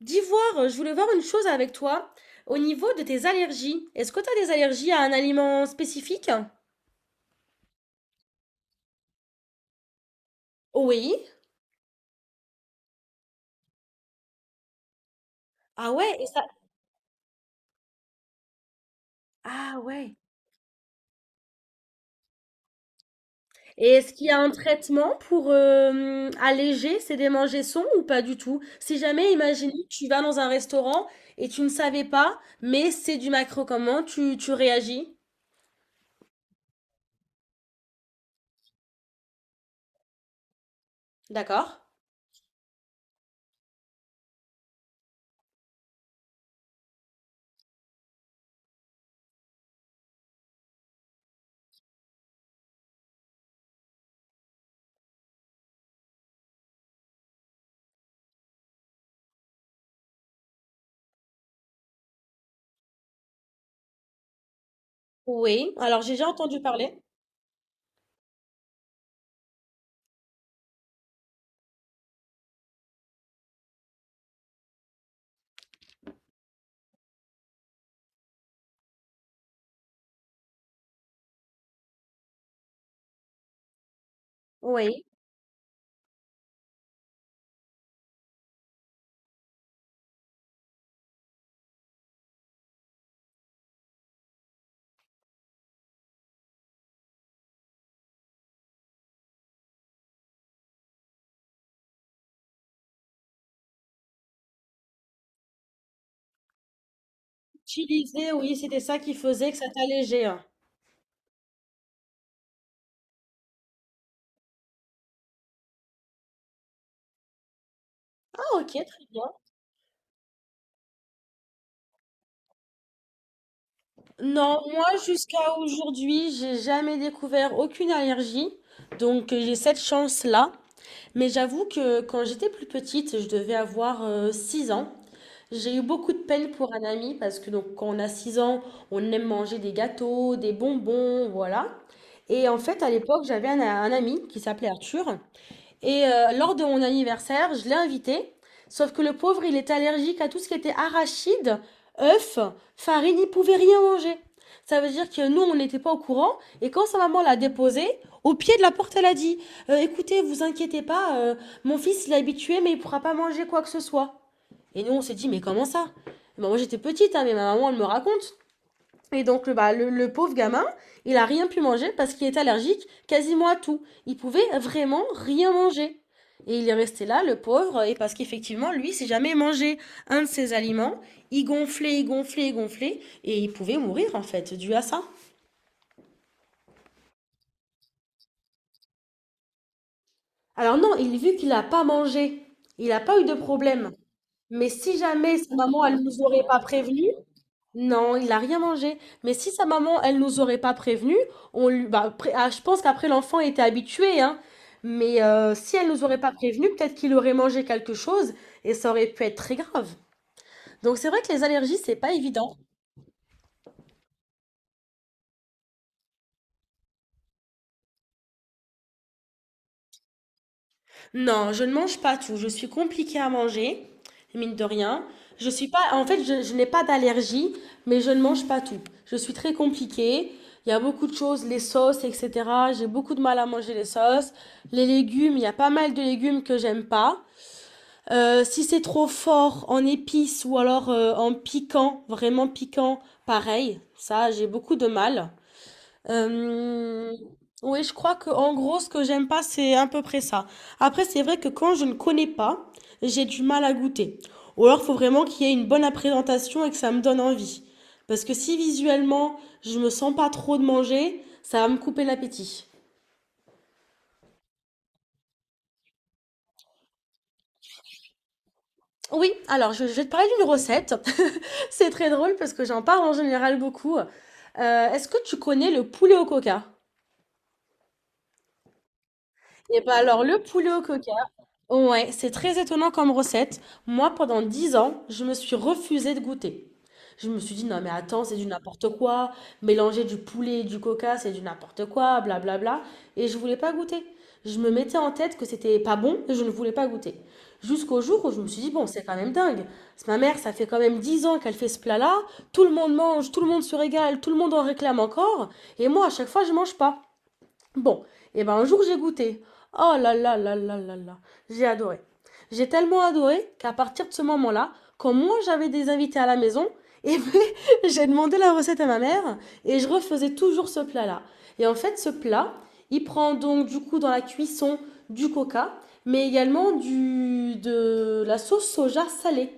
D'ivoire, je voulais voir une chose avec toi au niveau de tes allergies. Est-ce que tu as des allergies à un aliment spécifique? Oui. Ah ouais, et ça... Ah ouais. Et est-ce qu'il y a un traitement pour alléger ces démangeaisons ou pas du tout? Si jamais, imaginez, que tu vas dans un restaurant et tu ne savais pas, mais c'est du macro, comment tu réagis? D'accord. Oui. Alors j'ai déjà entendu parler. Oui. Utilisé, oui, c'était ça qui faisait que ça t'allégeait, hein. Ah, ok, très bien. Non, moi jusqu'à aujourd'hui, j'ai jamais découvert aucune allergie, donc j'ai cette chance-là. Mais j'avoue que quand j'étais plus petite, je devais avoir 6 ans. J'ai eu beaucoup de peine pour un ami parce que donc quand on a 6 ans, on aime manger des gâteaux, des bonbons, voilà. Et en fait, à l'époque, j'avais un ami qui s'appelait Arthur. Et lors de mon anniversaire, je l'ai invité. Sauf que le pauvre, il est allergique à tout ce qui était arachide, œufs, farine, il ne pouvait rien manger. Ça veut dire que nous, on n'était pas au courant. Et quand sa maman l'a déposé au pied de la porte, elle a dit: Écoutez, vous inquiétez pas, mon fils, il est habitué, mais il ne pourra pas manger quoi que ce soit.» Et nous, on s'est dit: «Mais comment ça?» Bah, moi, j'étais petite, hein, mais ma maman, elle me raconte. Et donc, le pauvre gamin, il a rien pu manger parce qu'il est allergique quasiment à tout. Il pouvait vraiment rien manger. Et il est resté là, le pauvre, et parce qu'effectivement, lui, il ne s'est jamais mangé un de ses aliments. Il gonflait, il gonflait, il gonflait, et il pouvait mourir, en fait, dû à ça. Alors non, il vu qu'il n'a pas mangé, il n'a pas eu de problème. Mais si jamais sa maman, elle ne nous aurait pas prévenu, non, il n'a rien mangé. Mais si sa maman, elle nous aurait pas prévenu, on lui, bah, après- ah, je pense qu'après l'enfant était habitué, hein. Mais si elle nous aurait pas prévenu, peut-être qu'il aurait mangé quelque chose et ça aurait pu être très grave. Donc c'est vrai que les allergies, c'est pas évident. Non, je ne mange pas tout. Je suis compliquée à manger, mine de rien. Je suis pas, en fait, je n'ai pas d'allergie, mais je ne mange pas tout. Je suis très compliquée. Il y a beaucoup de choses, les sauces, etc. J'ai beaucoup de mal à manger les sauces. Les légumes, il y a pas mal de légumes que j'aime pas. Si c'est trop fort en épices ou alors en piquant, vraiment piquant, pareil. Ça, j'ai beaucoup de mal. Euh, oui, je crois que en gros, ce que j'aime pas, c'est à peu près ça. Après, c'est vrai que quand je ne connais pas, j'ai du mal à goûter. Ou alors, il faut vraiment qu'il y ait une bonne présentation et que ça me donne envie. Parce que si visuellement, je me sens pas trop de manger, ça va me couper l'appétit. Oui, alors je vais te parler d'une recette. C'est très drôle parce que j'en parle en général beaucoup. Est-ce que tu connais le poulet au coca? Eh ben alors, le poulet au coca. Ouais, c'est très étonnant comme recette. Moi, pendant 10 ans, je me suis refusée de goûter. Je me suis dit, non mais attends, c'est du n'importe quoi. Mélanger du poulet et du coca, c'est du n'importe quoi, blablabla. Et je voulais pas goûter. Je me mettais en tête que c'était pas bon et je ne voulais pas goûter. Jusqu'au jour où je me suis dit, bon, c'est quand même dingue. Parce que ma mère, ça fait quand même 10 ans qu'elle fait ce plat-là. Tout le monde mange, tout le monde se régale, tout le monde en réclame encore. Et moi, à chaque fois, je mange pas. Bon, et ben un jour j'ai goûté. Oh là là là là là là. J'ai adoré. J'ai tellement adoré qu'à partir de ce moment-là, quand moi j'avais des invités à la maison, et j'ai demandé la recette à ma mère et je refaisais toujours ce plat-là. Et en fait, ce plat, il prend donc du coup dans la cuisson du coca, mais également de la sauce soja salée.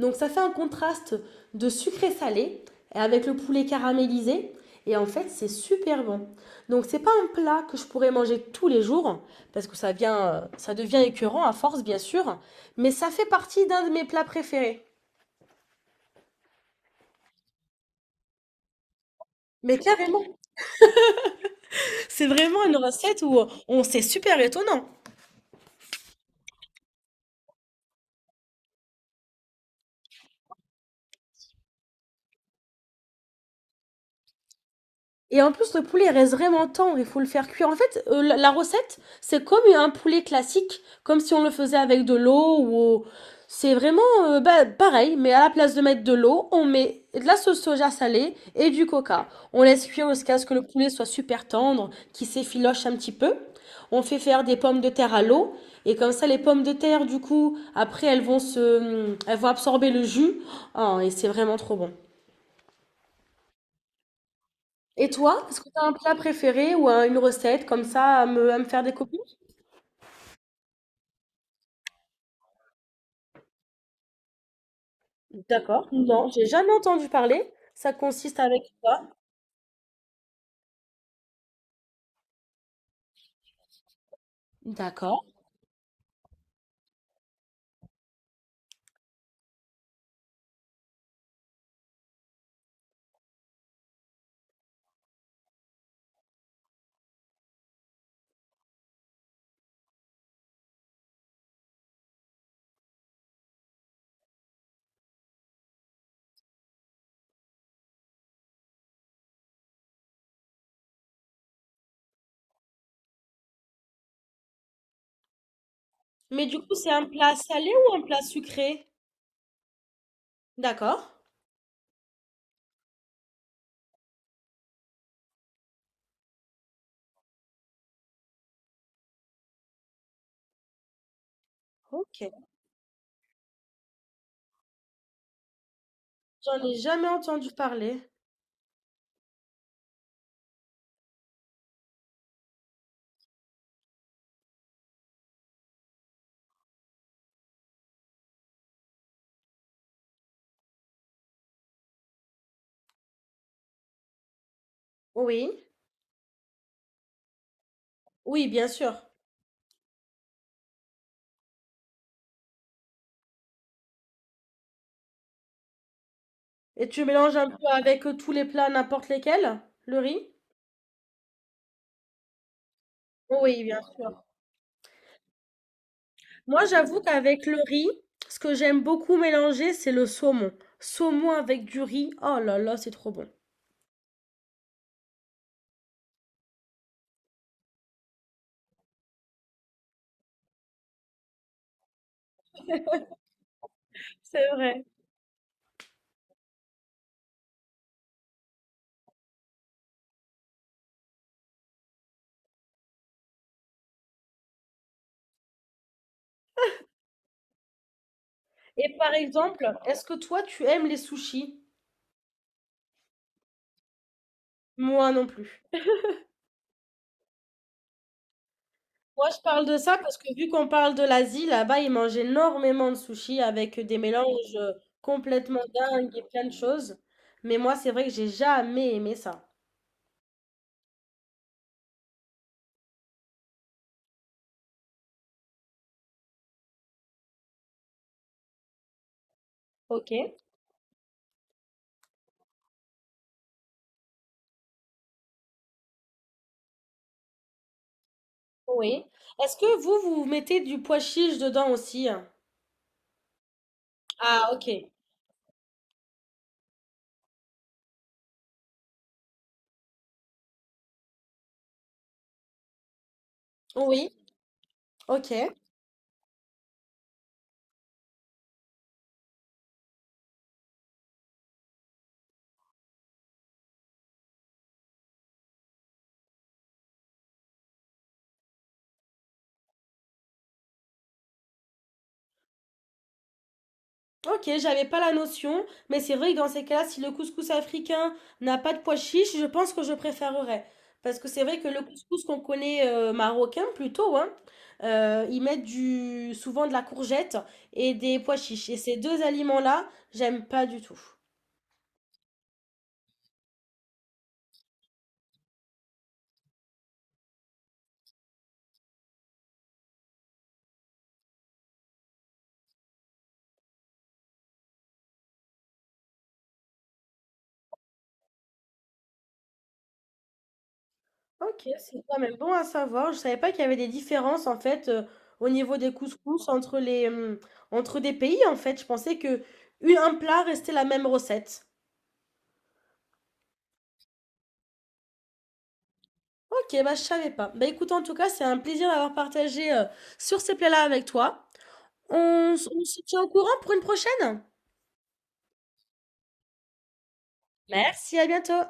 Donc ça fait un contraste de sucré salé avec le poulet caramélisé. Et en fait, c'est super bon. Donc c'est pas un plat que je pourrais manger tous les jours parce que ça vient, ça devient écœurant à force bien sûr, mais ça fait partie d'un de mes plats préférés. Mais carrément, c'est vraiment une recette où on c'est super étonnant. Et en plus, le poulet il reste vraiment tendre, il faut le faire cuire. En fait, la recette, c'est comme un poulet classique, comme si on le faisait avec de l'eau ou... C'est vraiment bah, pareil, mais à la place de mettre de l'eau, on met de la sauce soja salée et du coca. On laisse cuire jusqu'à ce que le poulet soit super tendre, qu'il s'effiloche un petit peu. On fait faire des pommes de terre à l'eau et comme ça, les pommes de terre, du coup, après, elles vont absorber le jus. Ah, et c'est vraiment trop bon. Et toi, est-ce que tu as un plat préféré ou un- une recette comme ça à à me faire découvrir? D'accord, non, j'ai jamais entendu parler. Ça consiste avec quoi? D'accord. Mais du coup, c'est un plat salé ou un plat sucré? D'accord. Ok. J'en ai jamais entendu parler. Oui. Oui, bien sûr. Et tu mélanges un peu avec tous les plats, n'importe lesquels, le riz? Oui, bien sûr. Moi, j'avoue qu'avec le riz, ce que j'aime beaucoup mélanger, c'est le saumon. Saumon avec du riz, oh là là, c'est trop bon. C'est vrai. Et par exemple, est-ce que toi, tu aimes les sushis? Moi non plus. Moi, je parle de ça parce que vu qu'on parle de l'Asie, là-bas, ils mangent énormément de sushis avec des mélanges complètement dingues et plein de choses. Mais moi, c'est vrai que j'ai jamais aimé ça. Ok, oui. Est-ce que vous, vous mettez du pois chiche dedans aussi, hein? Ah, ok. Oui, ok. Ok, j'avais pas la notion, mais c'est vrai que dans ces cas-là, si le couscous africain n'a pas de pois chiche, je pense que je préférerais. Parce que c'est vrai que le couscous qu'on connaît marocain plutôt, hein, ils mettent du, souvent de la courgette et des pois chiches. Et ces deux aliments-là, j'aime pas du tout. Ok, c'est quand même bon à savoir. Je savais pas qu'il y avait des différences en fait au niveau des couscous entre entre des pays en fait. Je pensais que une- un plat restait la même recette. Ok, bah je savais pas. Bah écoute, en tout cas, c'est un plaisir d'avoir partagé sur ces plats-là avec toi. On, s- on se tient au courant pour une prochaine? Merci, à bientôt!